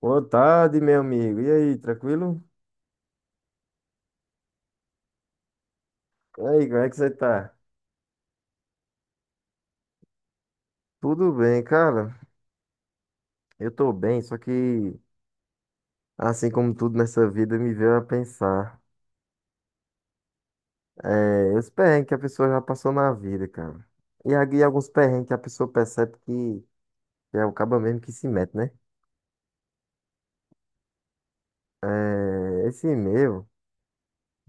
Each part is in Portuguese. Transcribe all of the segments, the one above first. Boa tarde, meu amigo. E aí, tranquilo? E aí, como é que você tá? Tudo bem, cara. Eu tô bem, só que, assim como tudo nessa vida, me veio a pensar. É, os perrengues que a pessoa já passou na vida, cara. E aqui alguns perrengues que a pessoa percebe que é o caba mesmo que se mete, né? É, esse meu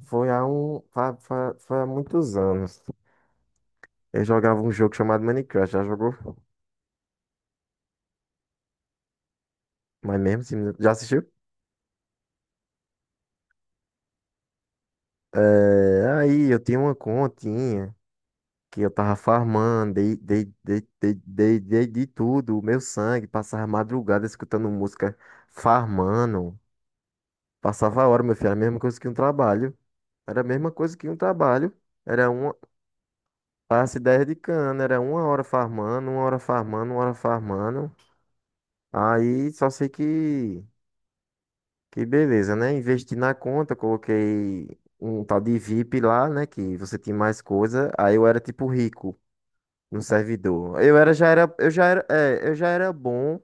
foi há muitos anos. Eu jogava um jogo chamado Minecraft, já jogou? Mas mesmo, assim, já assistiu? É, aí eu tinha uma continha que eu tava farmando, dei de tudo, o meu sangue. Passava madrugada escutando música, farmando, passava a hora, meu filho. Era a mesma coisa que um trabalho, era a mesma coisa que um trabalho. era uma, Passe 10 de cana. Era uma hora farmando, uma hora farmando, uma hora farmando. Aí só sei que beleza, né, investi na conta, coloquei um tal de VIP lá, né, que você tinha mais coisa. Aí eu era tipo rico, no servidor. Eu já era bom.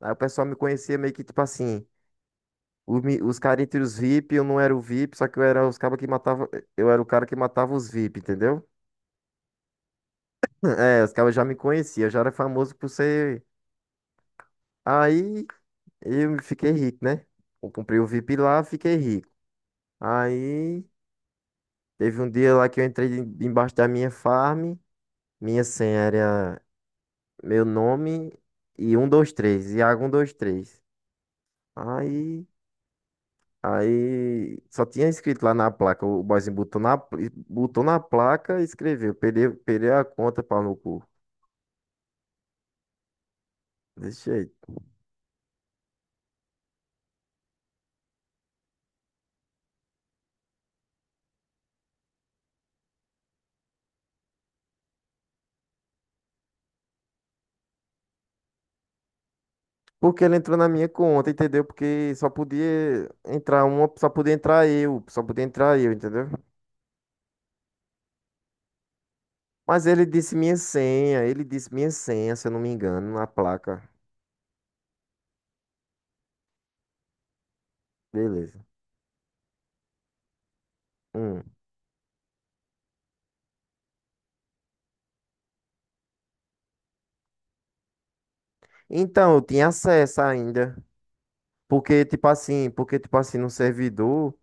Aí o pessoal me conhecia meio que tipo assim, os caras entre os VIP. Eu não era o VIP, só que eu era os cabas que matava, eu era o cara que matava os VIP, entendeu? É, os cabas já me conheciam, eu já era famoso por ser. Aí eu fiquei rico, né? Eu comprei o VIP lá, fiquei rico. Aí teve um dia lá que eu entrei embaixo da minha farm. Minha senha era meu nome e um 123, Iago 123. Aí Aí, só tinha escrito lá na placa. O boyzinho botou na placa e escreveu, perdeu perdi a conta, pau no cu. Desse jeito. Porque ele entrou na minha conta, entendeu? Porque só podia entrar uma, só podia entrar eu, só podia entrar eu, entendeu? Mas ele disse minha senha, ele disse minha senha, se eu não me engano, na placa. Beleza. Hum. Então, eu tinha acesso ainda, porque tipo assim, no servidor.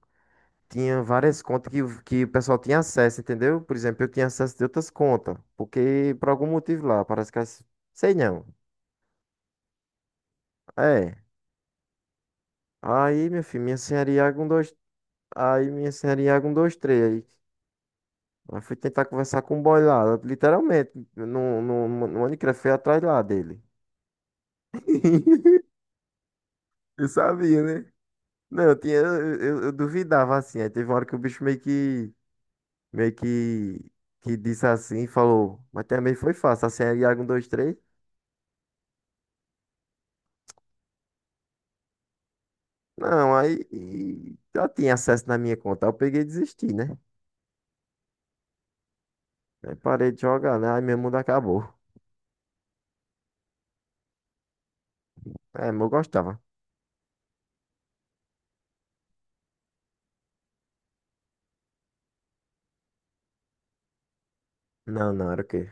Tinha várias contas que o pessoal tinha acesso, entendeu? Por exemplo, eu tinha acesso de outras contas, porque por algum motivo lá, parece que as... Sei não. É. Aí, meu filho, minha senhora Iago um dois. Aí, minha senhora Iago um dois três. Aí, fui tentar conversar com o boy lá, literalmente, no Minecraft, fui atrás lá dele. Eu sabia, né? Não, eu tinha, eu duvidava assim. Aí teve uma hora que o bicho meio que, que disse assim, falou, mas também foi fácil. Assim, é Iago 1, 2 três. Não, aí e já tinha acesso na minha conta. Aí eu peguei e desisti, né? Aí parei de jogar, né? Aí meu mundo acabou. É, mas eu gostava. Não, não, era o quê?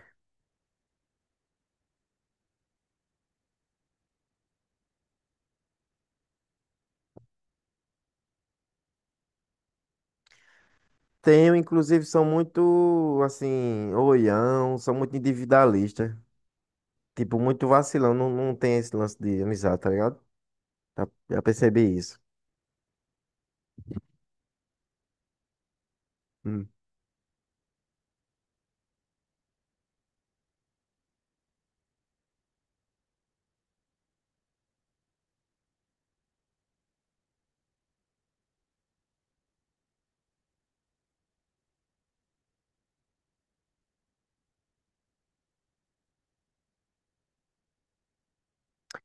Tenho, inclusive, são muito, assim, oião, são muito individualista. Tipo, muito vacilão. Não, não tem esse lance de amizade, tá ligado? Já, já percebi isso. Hum.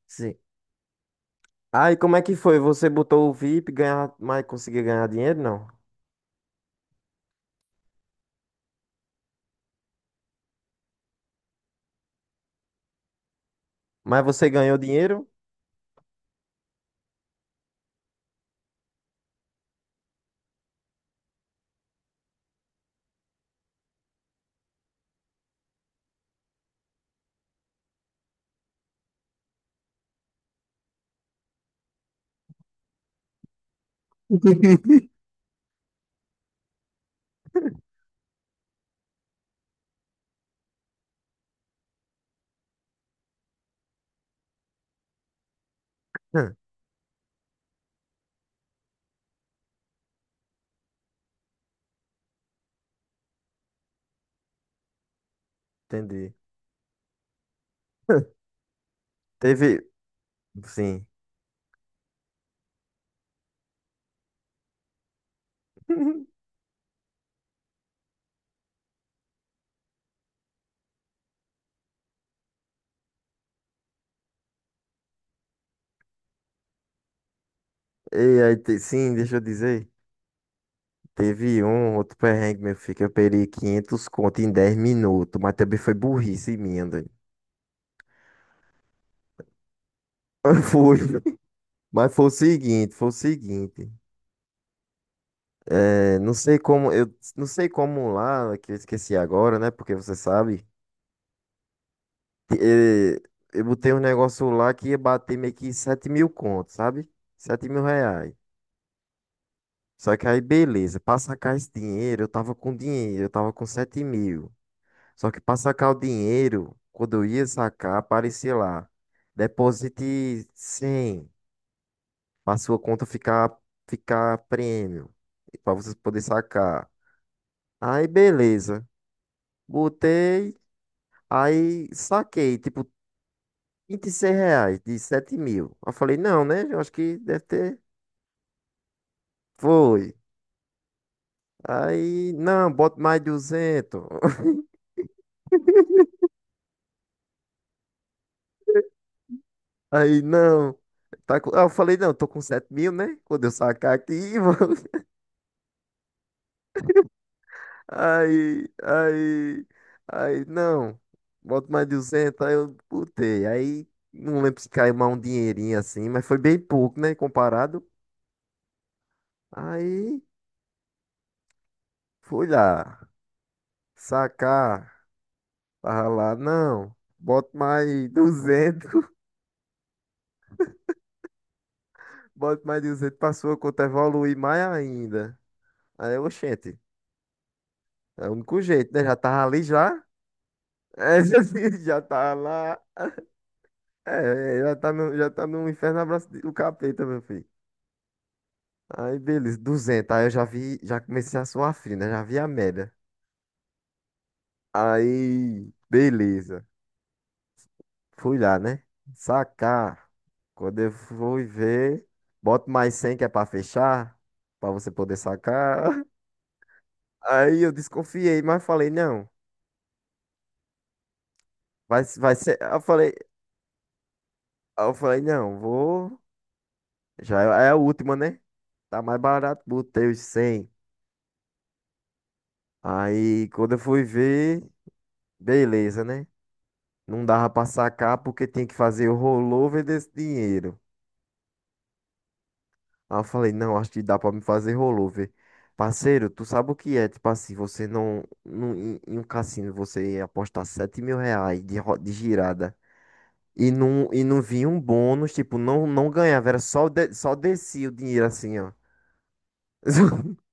Sim. Aí, como é que foi? Você botou o VIP, ganhar, mas conseguiu ganhar dinheiro? Não. Mas você ganhou dinheiro? Entendi. Teve. Sim. E aí, sim, deixa eu dizer. Teve um outro perrengue, meu filho, que eu perdi 500 conto em 10 minutos, mas também foi burrice minha, doido. Foi. Mas foi o seguinte, foi o seguinte. É, não sei como, eu não sei como lá, que eu esqueci agora, né? Porque você sabe. É, eu botei um negócio lá que ia bater meio que 7 mil contos, sabe? 7 mil reais. Só que aí, beleza, pra sacar esse dinheiro, eu tava com dinheiro, eu tava com 7 mil. Só que para sacar o dinheiro, quando eu ia sacar, aparecia lá, deposite 100 para sua conta ficar prêmio, para você poder sacar. Aí beleza, botei, aí saquei, tipo, R$ 26 de 7 mil. Eu falei, não, né? Eu acho que deve ter. Foi. Aí, não, bota mais 200. Aí, não. Tá, aí eu falei, não, tô com 7 mil, né? Quando eu sacar aqui, vou. Aí, aí, aí, não, bota mais duzentos, aí eu botei. Aí, não lembro se caiu mais um dinheirinho assim, mas foi bem pouco, né, comparado. Aí, fui lá, sacar, tava lá, não, bota mais 200. Bota mais 200 pra sua conta evoluir mais ainda. Aí, eu, oxente, é o único jeito, né, já tava ali já, é. Já, já tava lá, é, já tá no inferno abraço do capeta, meu filho. Aí, beleza, 200. Aí eu já vi, já comecei a suar frio, né? Já vi a média. Aí, beleza. Fui lá, né? Sacar. Quando eu fui ver, boto mais 100 que é pra fechar, pra você poder sacar. Aí eu desconfiei, mas falei, não, vai ser. Eu falei, não, vou. Já é a última, né? Tá mais barato, botei os 100. Aí, quando eu fui ver, beleza, né? Não dava pra sacar porque tinha que fazer o rollover desse dinheiro. Aí eu falei, não, acho que dá pra me fazer rollover. Parceiro, tu sabe o que é? Tipo assim, você não. Em um cassino você apostar 7 mil reais de girada. E não vinha um bônus, tipo, não, não ganhava, era só, só descia o dinheiro assim, ó.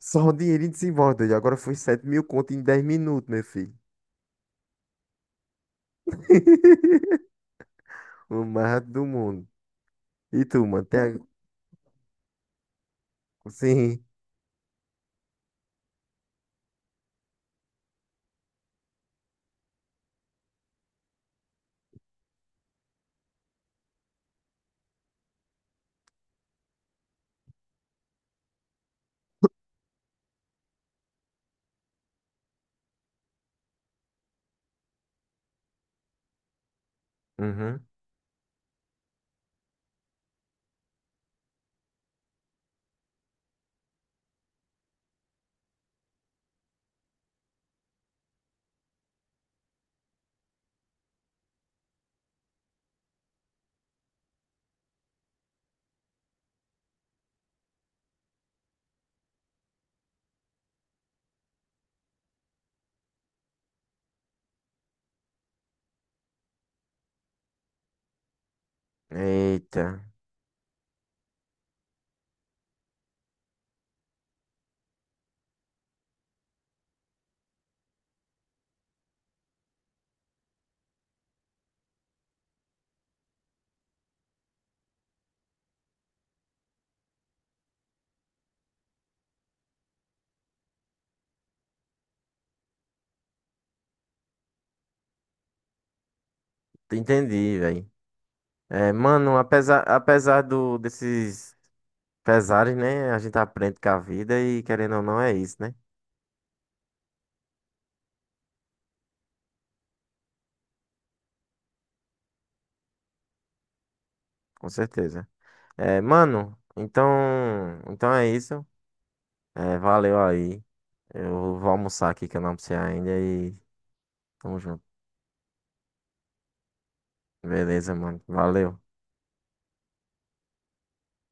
Só o dinheiro em desembolso. E agora foi 7 mil conto em 10 minutos, meu filho. O mais rápido do mundo. E tu, mano? Tem... Sim. Uhum. Eita. Entendi, velho. É, mano, apesar desses pesares, né? A gente aprende com a vida e querendo ou não é isso, né? Com certeza. É, mano, então é isso. É, valeu aí. Eu vou almoçar aqui que eu não almocei ainda e tamo junto. Beleza, mano. Valeu.